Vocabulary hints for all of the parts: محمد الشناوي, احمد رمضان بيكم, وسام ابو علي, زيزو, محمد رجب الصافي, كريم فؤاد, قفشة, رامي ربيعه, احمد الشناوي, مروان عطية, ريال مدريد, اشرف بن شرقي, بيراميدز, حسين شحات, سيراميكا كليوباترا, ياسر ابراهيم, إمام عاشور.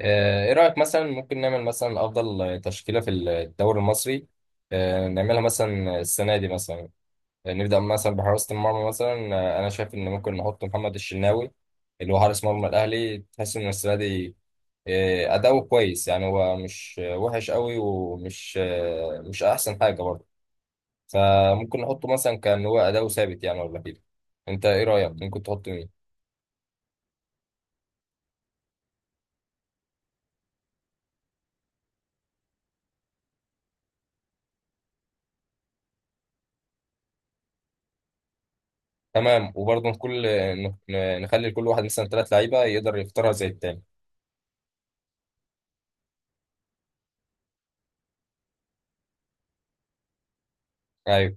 ايه رأيك مثلا ممكن نعمل مثلا افضل تشكيلة في الدوري المصري؟ نعملها مثلا السنة دي مثلا. نبدأ مثلا بحراسة المرمى مثلا. انا شايف ان ممكن نحط محمد الشناوي، اللي هو حارس مرمى الاهلي. تحس ان السنة دي اداؤه كويس، يعني هو مش وحش قوي، ومش آه، مش احسن حاجة برضه. فممكن نحطه، مثلا كان هو اداؤه ثابت يعني ولا كده؟ انت ايه رأيك؟ ممكن تحط مين؟ تمام، وبرضه كل نخلي لكل واحد مثلا ثلاث لعيبة يقدر يختارها زي التاني. ايوه.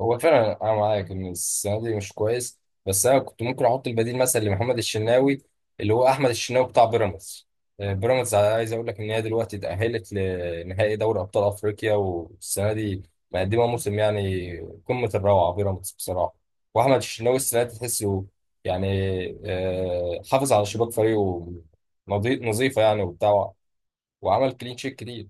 هو فعلا انا معاك ان السنه دي مش كويس. بس انا كنت ممكن احط البديل مثلا لمحمد الشناوي، اللي هو احمد الشناوي بتاع بيراميدز. بيراميدز، عايز اقول لك ان هي دلوقتي اتاهلت لنهائي دوري ابطال افريقيا، والسنه دي مقدمه موسم يعني. قمه الروعه بيراميدز بصراحه. واحمد الشناوي السنه دي تحسه يعني حافظ على شباك فريقه، نظيفه يعني وبتاع، وعمل كلين شيت كتير.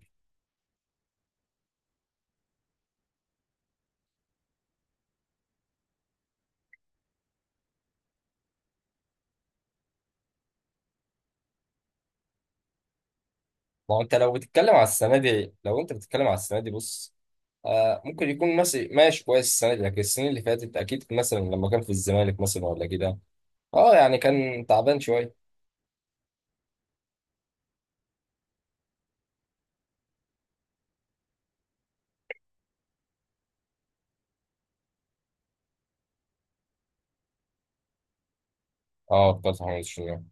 ما هو انت لو بتتكلم على السنه دي، لو انت بتتكلم على السنه دي بص، ممكن يكون ماشي ماشي كويس السنه دي، لكن السنين اللي فاتت اكيد مثلا لما كان في الزمالك مثلا ولا كده. اه، يعني كان تعبان شويه. اه، بتاع محمد الشناوي.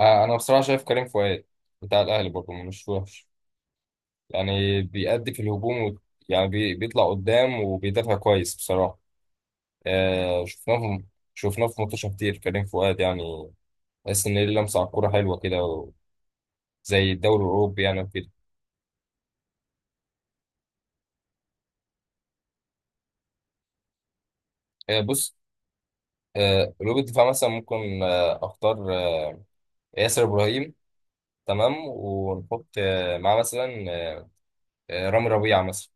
انا بصراحه شايف كريم فؤاد بتاع الاهلي برضه، مش وحش يعني. بيأدي في الهجوم، و... يعني بيطلع قدام وبيدافع كويس بصراحه. آه شفناه في... شفناه في ماتشات كتير، كريم فؤاد يعني تحس ان ليه لمسه على الكوره حلوه كده، و... زي الدوري الاوروبي يعني وكده. بص. قلوب الدفاع مثلا ممكن اختار ياسر ابراهيم. تمام، ونحط معاه مثلا رامي ربيعه مثلا.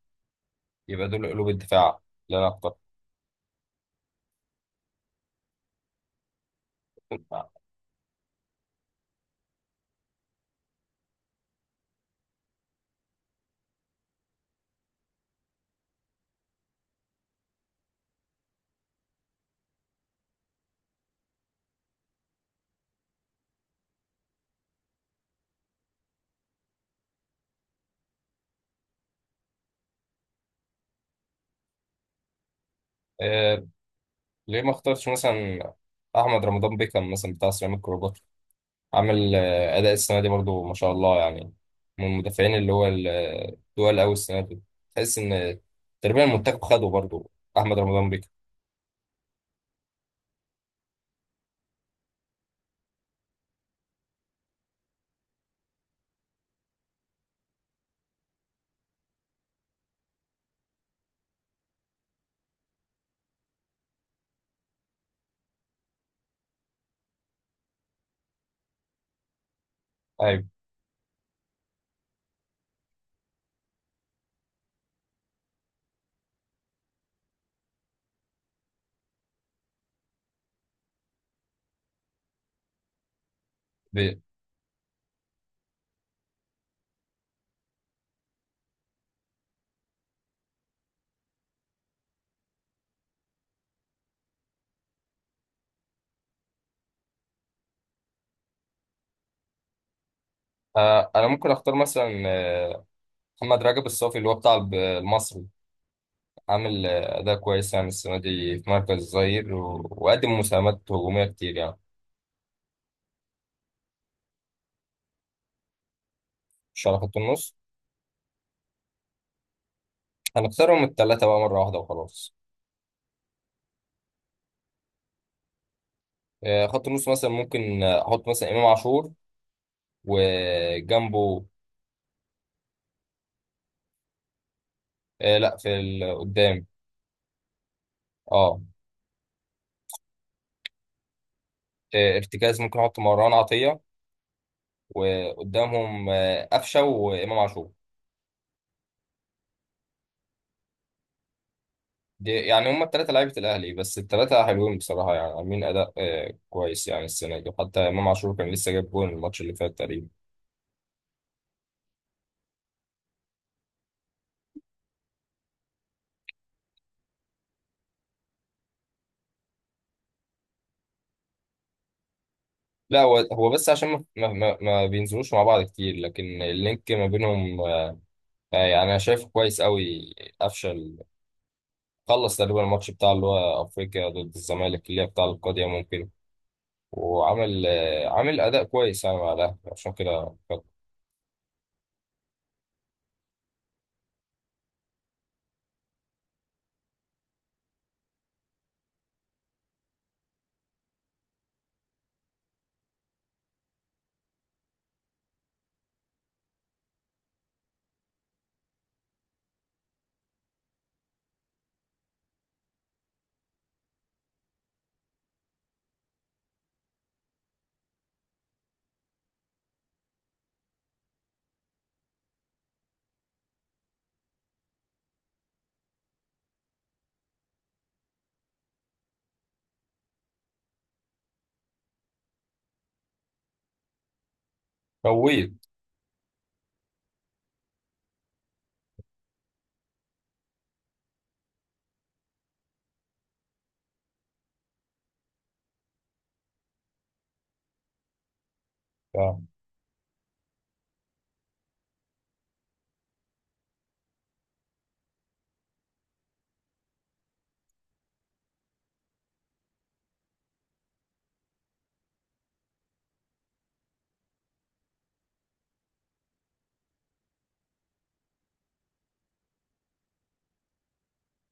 يبقى دول قلوب الدفاع اللي انا اخترت. آه، ليه ما اختارش مثلا احمد رمضان بيكم مثلا بتاع سيراميكا كليوباترا؟ عامل اداء السنه دي برضو ما شاء الله يعني. من المدافعين اللي هو التقال قوي السنه دي. تحس ان تقريبا المنتخب خده برضو، احمد رمضان بيكم. ايوه. ب- انا ممكن اختار مثلا محمد رجب الصافي، اللي هو بتاع المصري. عامل أداء كويس يعني السنة دي في مركز الظهير، وقدم مساهمات هجومية كتير يعني. مش على خط النص. هنختارهم التلاتة بقى مرة واحدة وخلاص. خط النص مثلا ممكن أحط مثلا إمام عاشور وجنبه. لأ، في قدام. أه. ارتكاز ممكن أحط مروان عطية، وقدامهم قفشة وإمام عاشور. دي يعني هما التلاتة لعيبة الأهلي، بس التلاتة حلوين بصراحة، يعني عاملين أداء كويس يعني السنة دي، حتى إمام عاشور كان لسه جايب جول الماتش اللي فات تقريبا. لا، هو هو بس عشان ما بينزلوش مع بعض كتير، لكن اللينك ما بينهم يعني انا شايفه كويس قوي. قفشه خلص تقريبا الماتش بتاع اللي هو افريقيا ضد الزمالك، اللي هي بتاع القضية ممكن. وعمل عامل اداء كويس يعني مع الاهلي، عشان كده. فويت.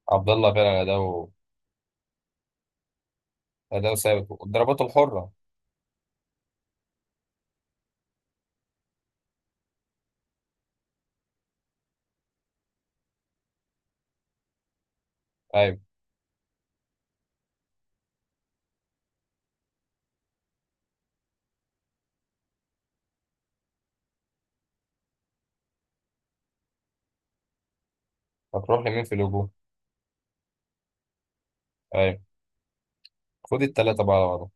عبد الله فعلا اداؤه ثابت، ضرباته الحره. ايوه. هتروح لمين في الهجوم؟ ايوه، خد الثلاثه بقى على بعضهم.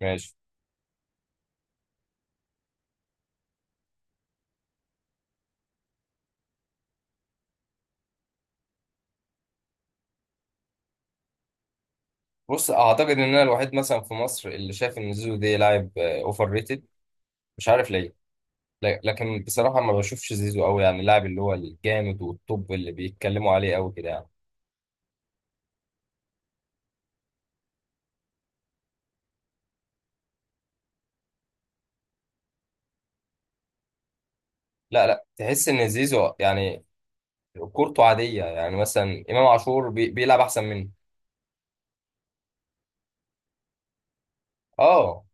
ماشي. بص، اعتقد ان انا الوحيد مثلا في مصر اللي شايف ان زيزو ده لاعب اوفر ريتد. مش عارف ليه. لكن بصراحة ما بشوفش زيزو قوي، يعني اللاعب اللي هو الجامد والطب اللي بيتكلموا عليه قوي كده يعني. لا لا، تحس ان زيزو يعني كورته عادية، يعني مثلا امام عاشور بيلعب احسن منه. اه.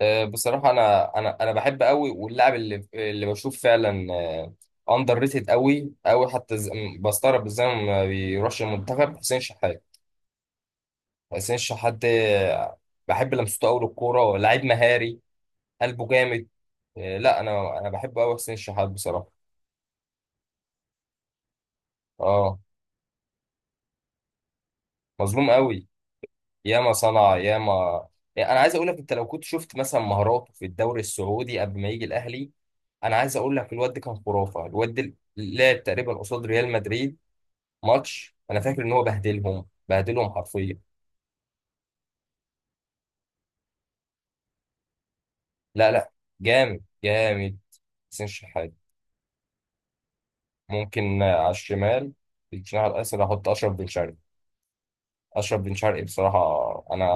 بصراحة انا بحب قوي، واللاعب اللي بشوف فعلا اندر ريتد قوي قوي، حتى بستغرب ازاي ما بيروحش المنتخب حسين شحات. حسين شحات ده بحب لمسته قوي للكورة، لاعب مهاري، قلبه جامد. لا، انا بحبه قوي حسين شحات بصراحة. اه. مظلوم قوي. ياما صنع ياما. يعني انا عايز اقول لك، انت لو كنت شفت مثلا مهاراته في الدوري السعودي قبل ما يجي الاهلي، انا عايز اقول لك الواد ده كان خرافه. الواد ده لعب تقريبا قصاد ريال مدريد ماتش، انا فاكر ان هو بهدلهم بهدلهم حرفيا. لا لا، جامد جامد حسين شحات. ممكن على الشمال. في الجناح الايسر احط اشرف بن شرقي. اشرف بن شرقي بصراحه، انا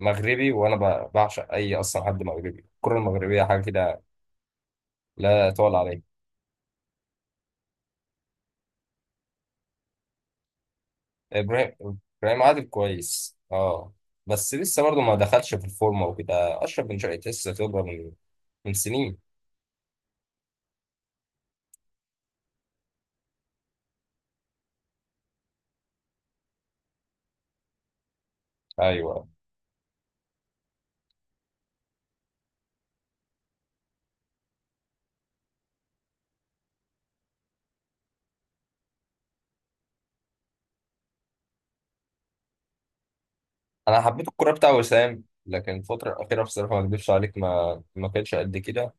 مغربي، وانا بعشق اي اصلا حد مغربي، الكره المغربيه حاجه كده. لا تقول عليها. ابراهيم، ابراهيم عادل كويس، اه. بس لسه برضه ما دخلش في الفورمه وكده، اشرف بن شرقي لسه خبره من سنين. ايوه. انا حبيت الكوره بتاع وسام، لكن الفتره الاخيره بصراحه ما اكذبش عليك، ما كانش قد كده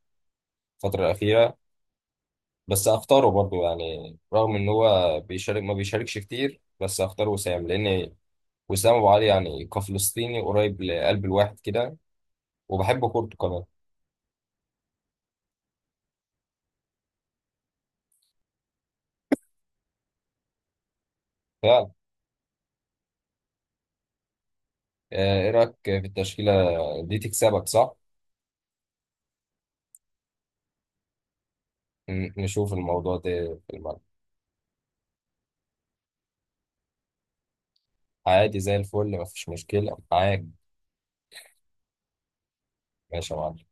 الفتره الاخيره. بس اختاره برضه، يعني رغم ان هو بيشارك ما بيشاركش كتير، بس اختار وسام لان وسام ابو علي يعني كفلسطيني قريب لقلب الواحد كده، وبحب كورته كمان. فعلا. ايه رايك في التشكيله دي؟ تكسبك صح؟ نشوف الموضوع ده في الملعب. عادي زي الفل، مفيش مشكلة معاك. ماشي يا معلم.